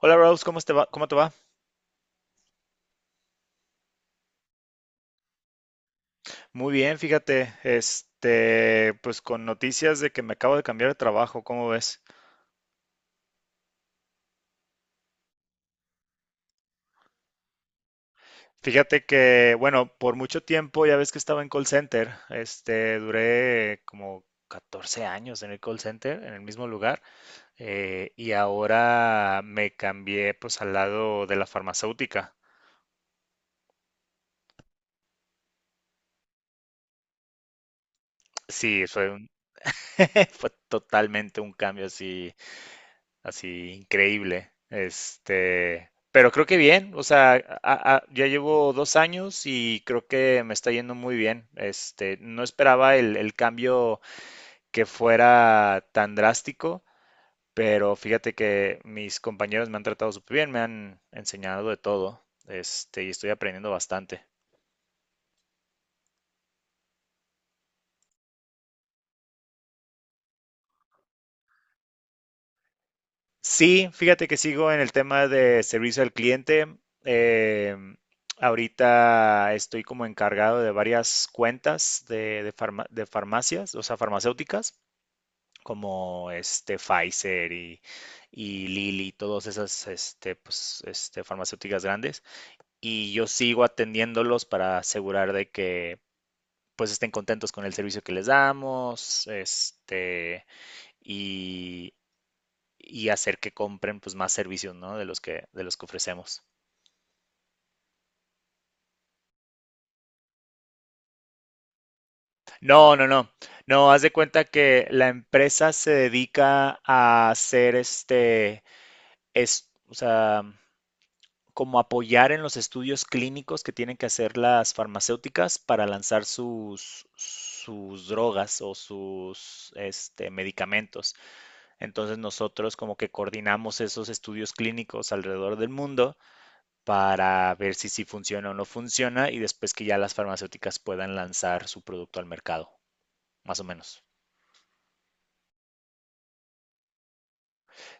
Hola Rose, ¿cómo te va? ¿Cómo te va? Muy bien, fíjate, pues con noticias de que me acabo de cambiar de trabajo, ¿cómo ves? Fíjate que, bueno, por mucho tiempo ya ves que estaba en call center, duré como 14 años en el call center, en el mismo lugar, y ahora me cambié pues al lado de la farmacéutica. Sí, fue totalmente un cambio así. Así, increíble. Pero creo que bien, o sea, ya llevo 2 años y creo que me está yendo muy bien. No esperaba el cambio que fuera tan drástico, pero fíjate que mis compañeros me han tratado súper bien, me han enseñado de todo, y estoy aprendiendo bastante. Sí, fíjate que sigo en el tema de servicio al cliente. Eh, Ahorita estoy como encargado de varias cuentas de farmacias, o sea, farmacéuticas, como Pfizer y Lilly, todas esas pues, farmacéuticas grandes. Y yo sigo atendiéndolos para asegurar de que pues estén contentos con el servicio que les damos, y, y hacer que compren pues más servicios, ¿no? De los que ofrecemos. No, no, no. No, haz de cuenta que la empresa se dedica a hacer o sea, como apoyar en los estudios clínicos que tienen que hacer las farmacéuticas para lanzar sus drogas o sus medicamentos. Entonces nosotros como que coordinamos esos estudios clínicos alrededor del mundo para ver si sí funciona o no funciona, y después que ya las farmacéuticas puedan lanzar su producto al mercado, más o menos.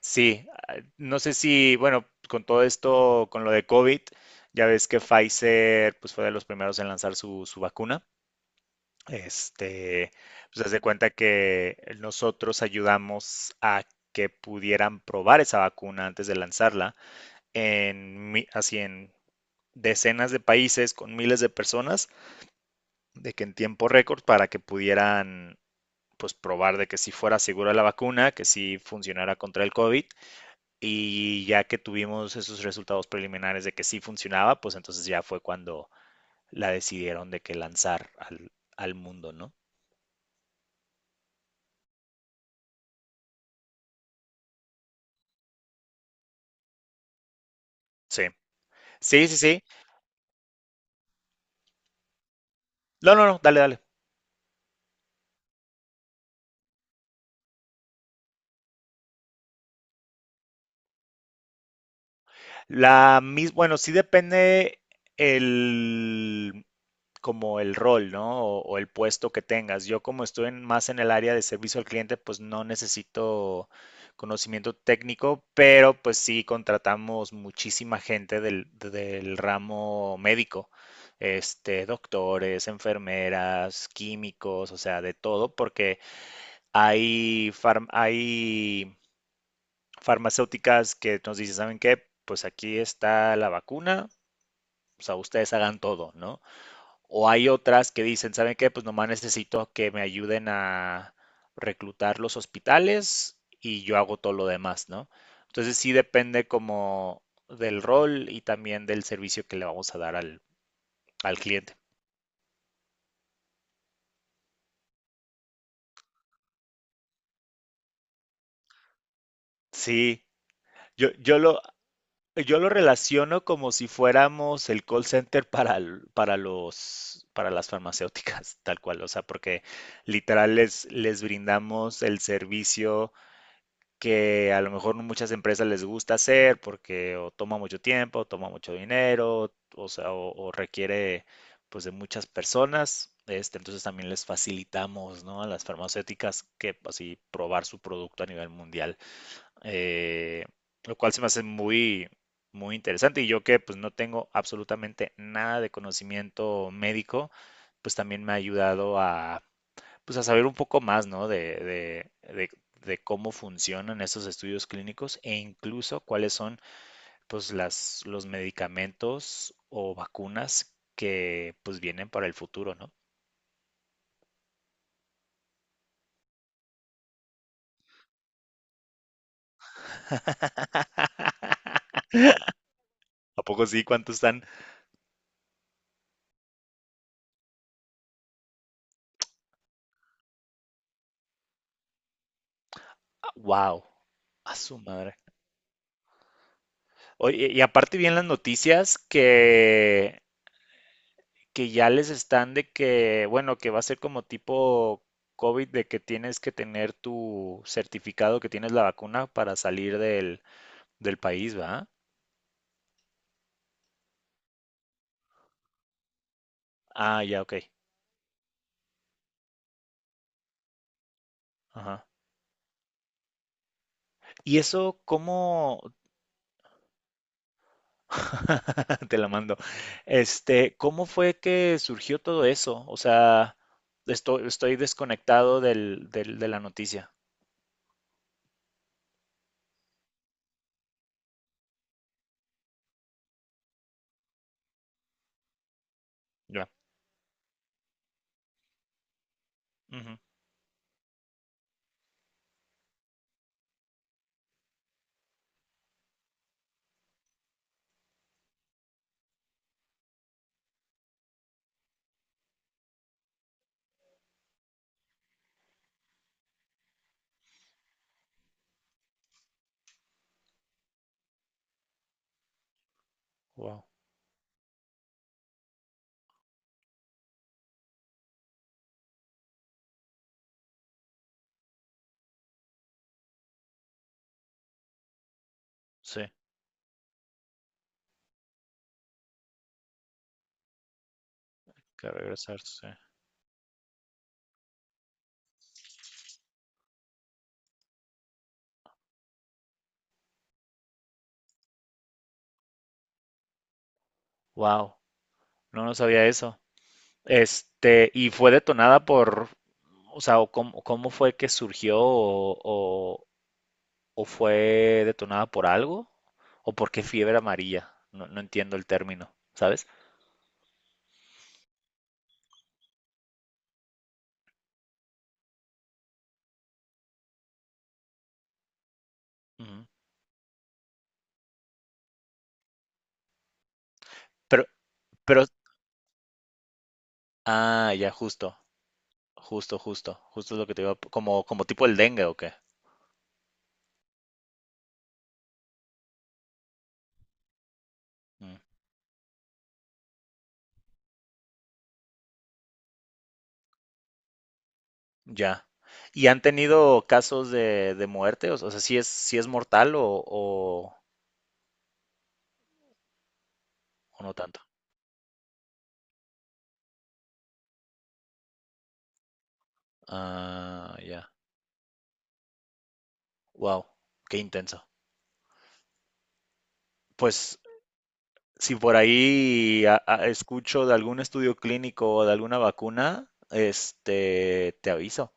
Sí, ah, no sé si, bueno, con todo esto, con lo de COVID, ya ves que Pfizer pues fue de los primeros en lanzar su vacuna. Este, pues haz de cuenta que nosotros ayudamos a que pudieran probar esa vacuna antes de lanzarla así en decenas de países con miles de personas de que en tiempo récord para que pudieran pues probar de que si fuera segura la vacuna, que sí funcionara contra el COVID, y ya que tuvimos esos resultados preliminares de que sí funcionaba, pues entonces ya fue cuando la decidieron de que lanzar al mundo, ¿no? Sí, sí, sí, sí. No, no, no, dale, dale. Bueno, sí depende el como el rol, ¿no? O el puesto que tengas. Yo como estoy más en el área de servicio al cliente, pues no necesito conocimiento técnico, pero pues sí contratamos muchísima gente del ramo médico, doctores, enfermeras, químicos, o sea, de todo, porque hay farmacéuticas que nos dicen, ¿saben qué? Pues aquí está la vacuna, o sea, ustedes hagan todo, ¿no? O hay otras que dicen, ¿saben qué? Pues nomás necesito que me ayuden a reclutar los hospitales y yo hago todo lo demás, ¿no? Entonces sí depende como del rol y también del servicio que le vamos a dar al cliente. Sí, yo, yo lo, yo lo relaciono como si fuéramos el call center para, l- para los, para las farmacéuticas, tal cual, o sea, porque literal les brindamos el servicio que a lo mejor no muchas empresas les gusta hacer porque o toma mucho tiempo, o toma mucho dinero, o sea, o requiere pues de muchas personas. Entonces también les facilitamos, ¿no?, a las farmacéuticas que así probar su producto a nivel mundial, eh, lo cual se me hace muy, muy interesante. Y yo que pues no tengo absolutamente nada de conocimiento médico, pues también me ha ayudado a, pues, a saber un poco más, ¿no?, de cómo funcionan estos estudios clínicos, e incluso cuáles son pues los medicamentos o vacunas que pues vienen para el futuro, ¿no? ¿A poco sí? ¿Cuántos están? ¡Wow! A su madre. Oye, y aparte vi en las noticias que ya les están de que, bueno, que va a ser como tipo COVID de que tienes que tener tu certificado que tienes la vacuna para salir del país, ¿va? Ah, ya, ok. Ajá. ¿Y eso cómo? Te la mando. ¿Cómo fue que surgió todo eso? O sea, estoy desconectado de la noticia. Ya. Ujú. Wow. Sí, que regresar, sí. Wow. No, no sabía eso. Y fue detonada por, o sea, o cómo fue que surgió, o fue detonada por algo, o por qué fiebre amarilla. No, no entiendo el término, ¿sabes? Ujú. Pero, pero, ah, ya, justo es lo que te digo, como tipo el dengue o qué. Mm, ya. ¿Y han tenido casos de muerte? O o sea, ¿sí es mortal, o no tanto? Ah, ya. Wow, qué intenso. Pues si por ahí escucho de algún estudio clínico o de alguna vacuna, te aviso.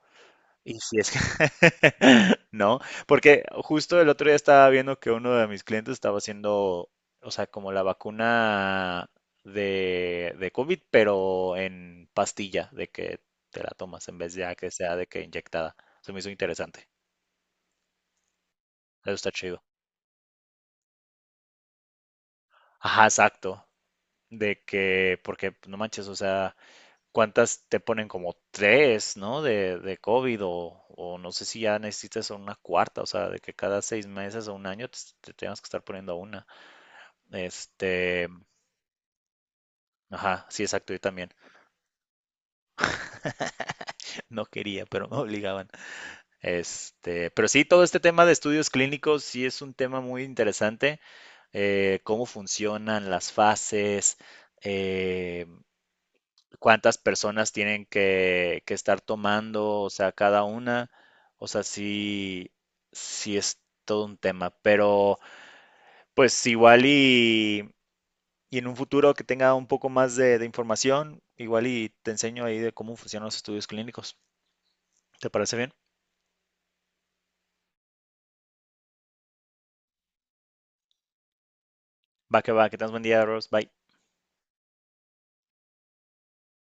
Y si es que no, porque justo el otro día estaba viendo que uno de mis clientes estaba haciendo, o sea, como la vacuna de COVID, pero en pastilla, de que te la tomas en vez de a que sea de que inyectada. Eso me hizo interesante. Eso está chido. Ajá, exacto. De que, porque pues, no manches, o sea. ¿Cuántas te ponen, como tres, no? De COVID, o no sé si ya necesitas una cuarta, o sea, de que cada 6 meses o un año te tengas que estar poniendo una. Este, ajá, sí, exacto, yo también. No quería, pero me obligaban. Pero sí, todo este tema de estudios clínicos sí es un tema muy interesante. Cómo funcionan las fases, eh, cuántas personas tienen que estar tomando, o sea, cada una, o sea, sí es todo un tema, pero pues igual y en un futuro que tenga un poco más de información, igual y te enseño ahí de cómo funcionan los estudios clínicos. ¿Te parece bien? Va, que tengas buen día, Rose. Bye.